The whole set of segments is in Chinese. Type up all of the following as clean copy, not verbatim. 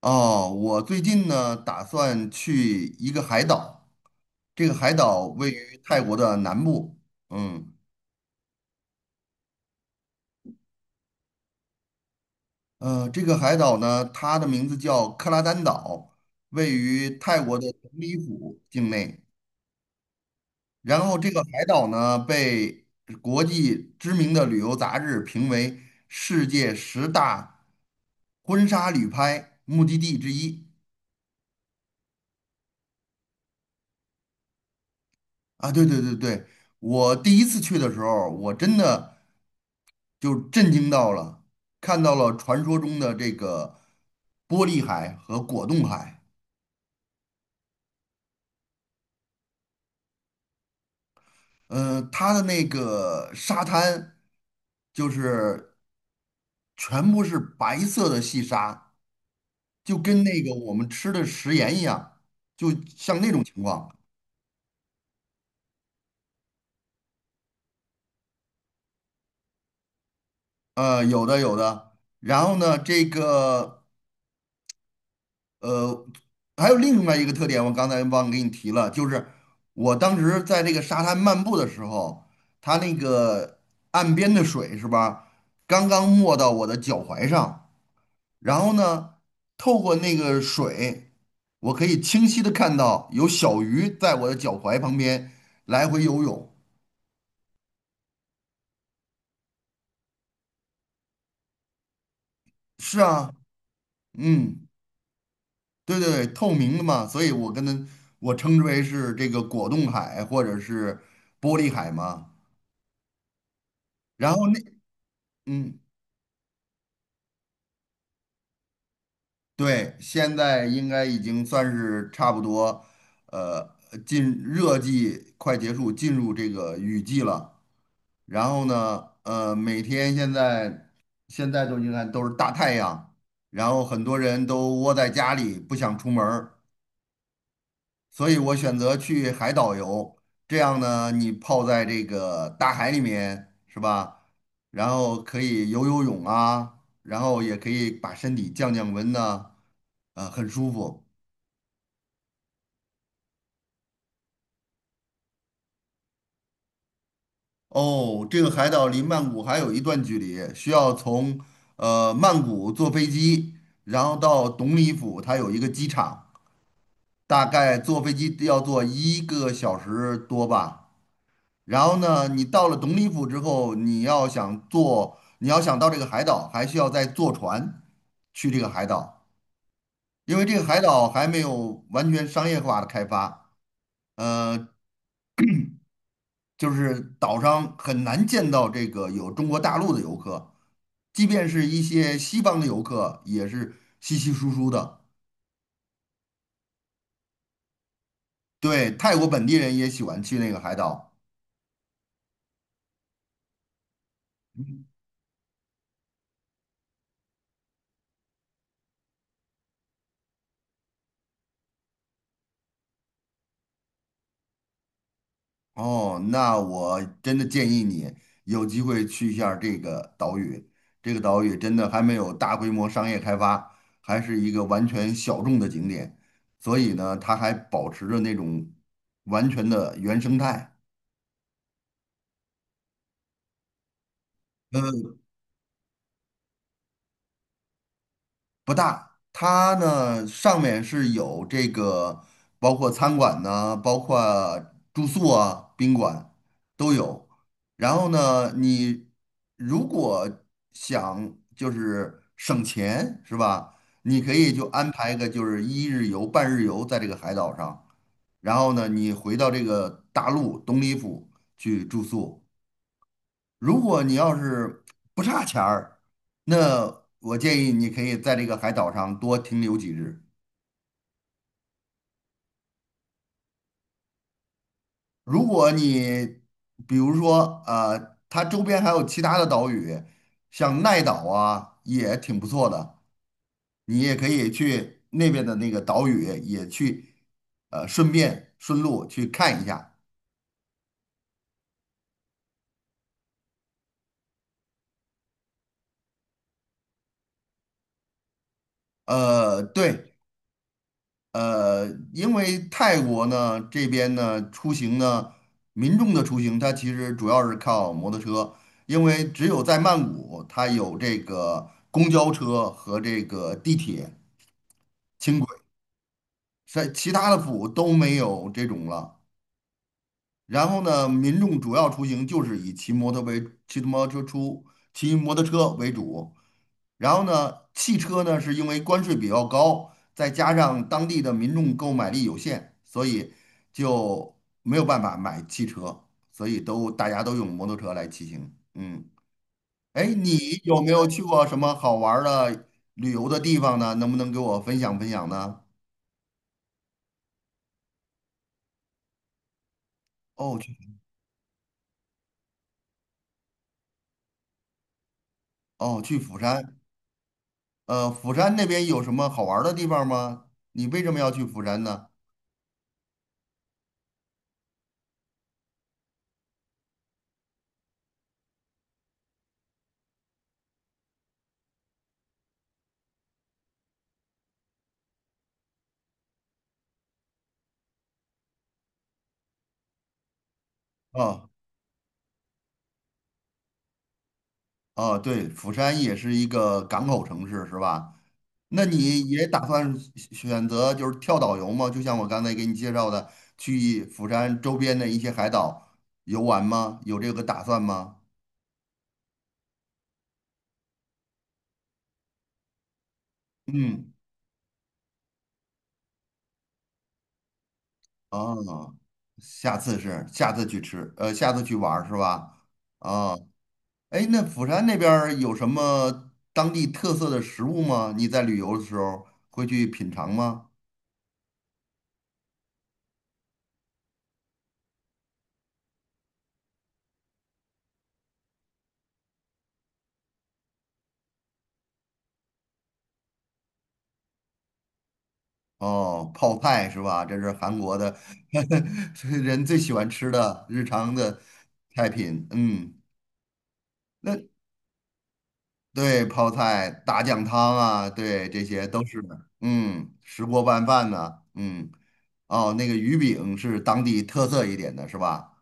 哦，我最近呢打算去一个海岛，这个海岛位于泰国的南部。嗯，这个海岛呢，它的名字叫克拉丹岛，位于泰国的董里府境内。然后这个海岛呢，被国际知名的旅游杂志评为世界十大婚纱旅拍目的地之一。啊，对对对对，我第一次去的时候，我真的就震惊到了，看到了传说中的这个玻璃海和果冻海。嗯，它的那个沙滩就是全部是白色的细沙，就跟那个我们吃的食盐一样，就像那种情况。有的有的。然后呢，这个。呃，还有另外一个特点，我刚才忘给你提了，就是我当时在这个沙滩漫步的时候，它那个岸边的水是吧，刚刚没到我的脚踝上。然后呢，透过那个水，我可以清晰的看到有小鱼在我的脚踝旁边来回游泳。是啊。嗯，对对对，透明的嘛，所以我跟它，我称之为是这个果冻海或者是玻璃海嘛。然后那。嗯，对，现在应该已经算是差不多。呃，进热季快结束，进入这个雨季了。然后呢，每天现在都你看都是大太阳，然后很多人都窝在家里不想出门儿，所以我选择去海岛游。这样呢，你泡在这个大海里面，是吧？然后可以游游泳啊，然后也可以把身体降降温呐。啊，很舒服。哦，这个海岛离曼谷还有一段距离，需要从曼谷坐飞机，然后到董里府，它有一个机场，大概坐飞机要坐一个小时多吧。然后呢，你到了董里府之后，你要想坐，你要想到这个海岛，还需要再坐船去这个海岛，因为这个海岛还没有完全商业化的开发。呃，就是岛上很难见到这个有中国大陆的游客，即便是一些西方的游客也是稀稀疏疏的。对，泰国本地人也喜欢去那个海岛。哦，那我真的建议你有机会去一下儿这个岛屿。这个岛屿真的还没有大规模商业开发，还是一个完全小众的景点，所以呢，它还保持着那种完全的原生态。呃不大。它呢上面是有这个，包括餐馆呢，包括住宿啊、宾馆都有。然后呢，你如果想就是省钱是吧？你可以就安排个就是一日游、半日游在这个海岛上，然后呢，你回到这个大陆东里府去住宿。如果你要是不差钱儿，那我建议你可以在这个海岛上多停留几日。如果你比如说它周边还有其他的岛屿，像奈岛啊，也挺不错的，你也可以去那边的那个岛屿也去。顺便顺路去看一下。对。呃，因为泰国呢这边呢出行呢，民众的出行它其实主要是靠摩托车，因为只有在曼谷它有这个公交车和这个地铁、轻轨，在其他的府都没有这种了。然后呢，民众主要出行就是以骑摩托为骑摩托车出，骑摩托车为主。然后呢，汽车呢是因为关税比较高，再加上当地的民众购买力有限，所以就没有办法买汽车，所以大家都用摩托车来骑行。嗯，哎，你有没有去过什么好玩儿的旅游的地方呢？能不能给我分享分享呢？哦，去哦，去釜山。釜山那边有什么好玩儿的地方吗？你为什么要去釜山呢？哦哦，对，釜山也是一个港口城市，是吧？那你也打算选择就是跳岛游吗？就像我刚才给你介绍的，去釜山周边的一些海岛游玩吗？有这个打算吗？嗯，哦，下次是下次去吃，呃，下次去玩儿是吧？啊、哎，那釜山那边儿有什么当地特色的食物吗？你在旅游的时候会去品尝吗？哦，泡菜是吧？这是韩国的 人最喜欢吃的日常的菜品。嗯，那对泡菜、大酱汤啊，对，这些都是的。嗯，石锅拌饭呢、嗯，哦，那个鱼饼是当地特色一点的，是吧？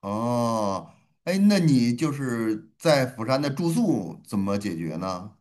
哦，哎，那你就是在釜山的住宿怎么解决呢？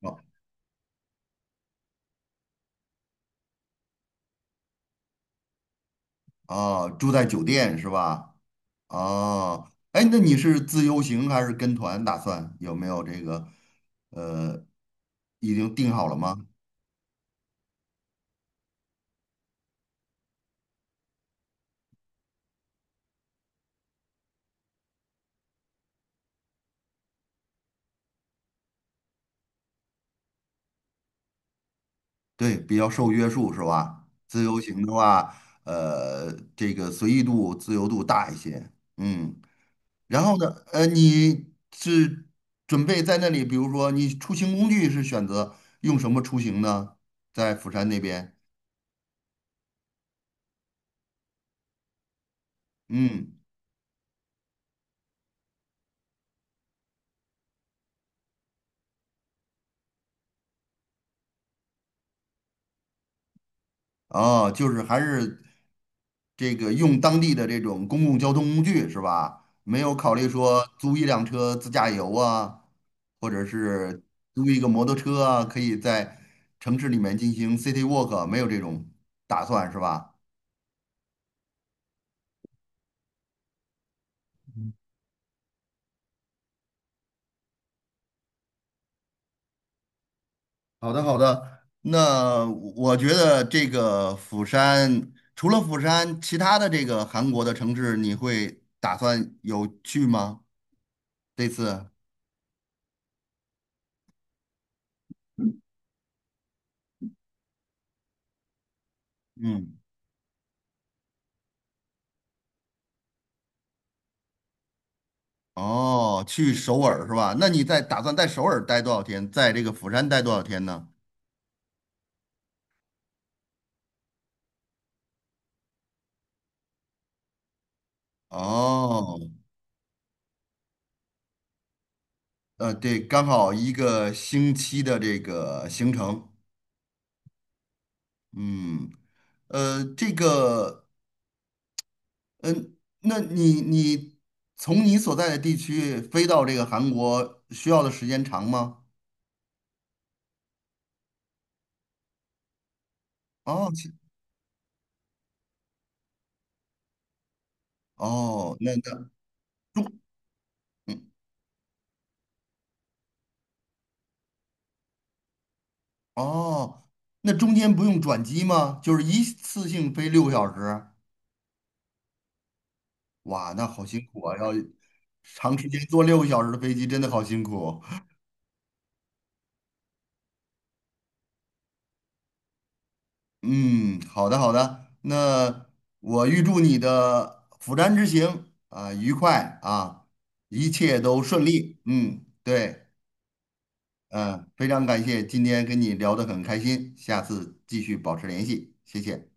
哦，啊，住在酒店是吧？哦，哎，那你是自由行还是跟团打算？有没有这个呃，已经定好了吗？对，比较受约束是吧？自由行的话，这个随意度、自由度大一些。嗯，然后呢，你是准备在那里，比如说你出行工具是选择用什么出行呢？在釜山那边，嗯。哦，就是还是这个用当地的这种公共交通工具是吧？没有考虑说租一辆车自驾游啊，或者是租一个摩托车啊，可以在城市里面进行 city walk，没有这种打算是吧？好的，好的。那我觉得这个釜山，除了釜山，其他的这个韩国的城市，你会打算有去吗？这次？嗯。哦，去首尔是吧？那你在打算在首尔待多少天？在这个釜山待多少天呢？哦，对，刚好一个星期的这个行程。嗯，这个，嗯，那你从你所在的地区飞到这个韩国需要的时间长吗？哦，哦，那哦，那中间不用转机吗？就是一次性飞六个小时？哇，那好辛苦啊！要长时间坐六个小时的飞机，真的好辛苦。嗯，好的好的，那我预祝你的釜山之行啊、愉快啊，一切都顺利。嗯，对，嗯、非常感谢今天跟你聊得很开心，下次继续保持联系，谢谢。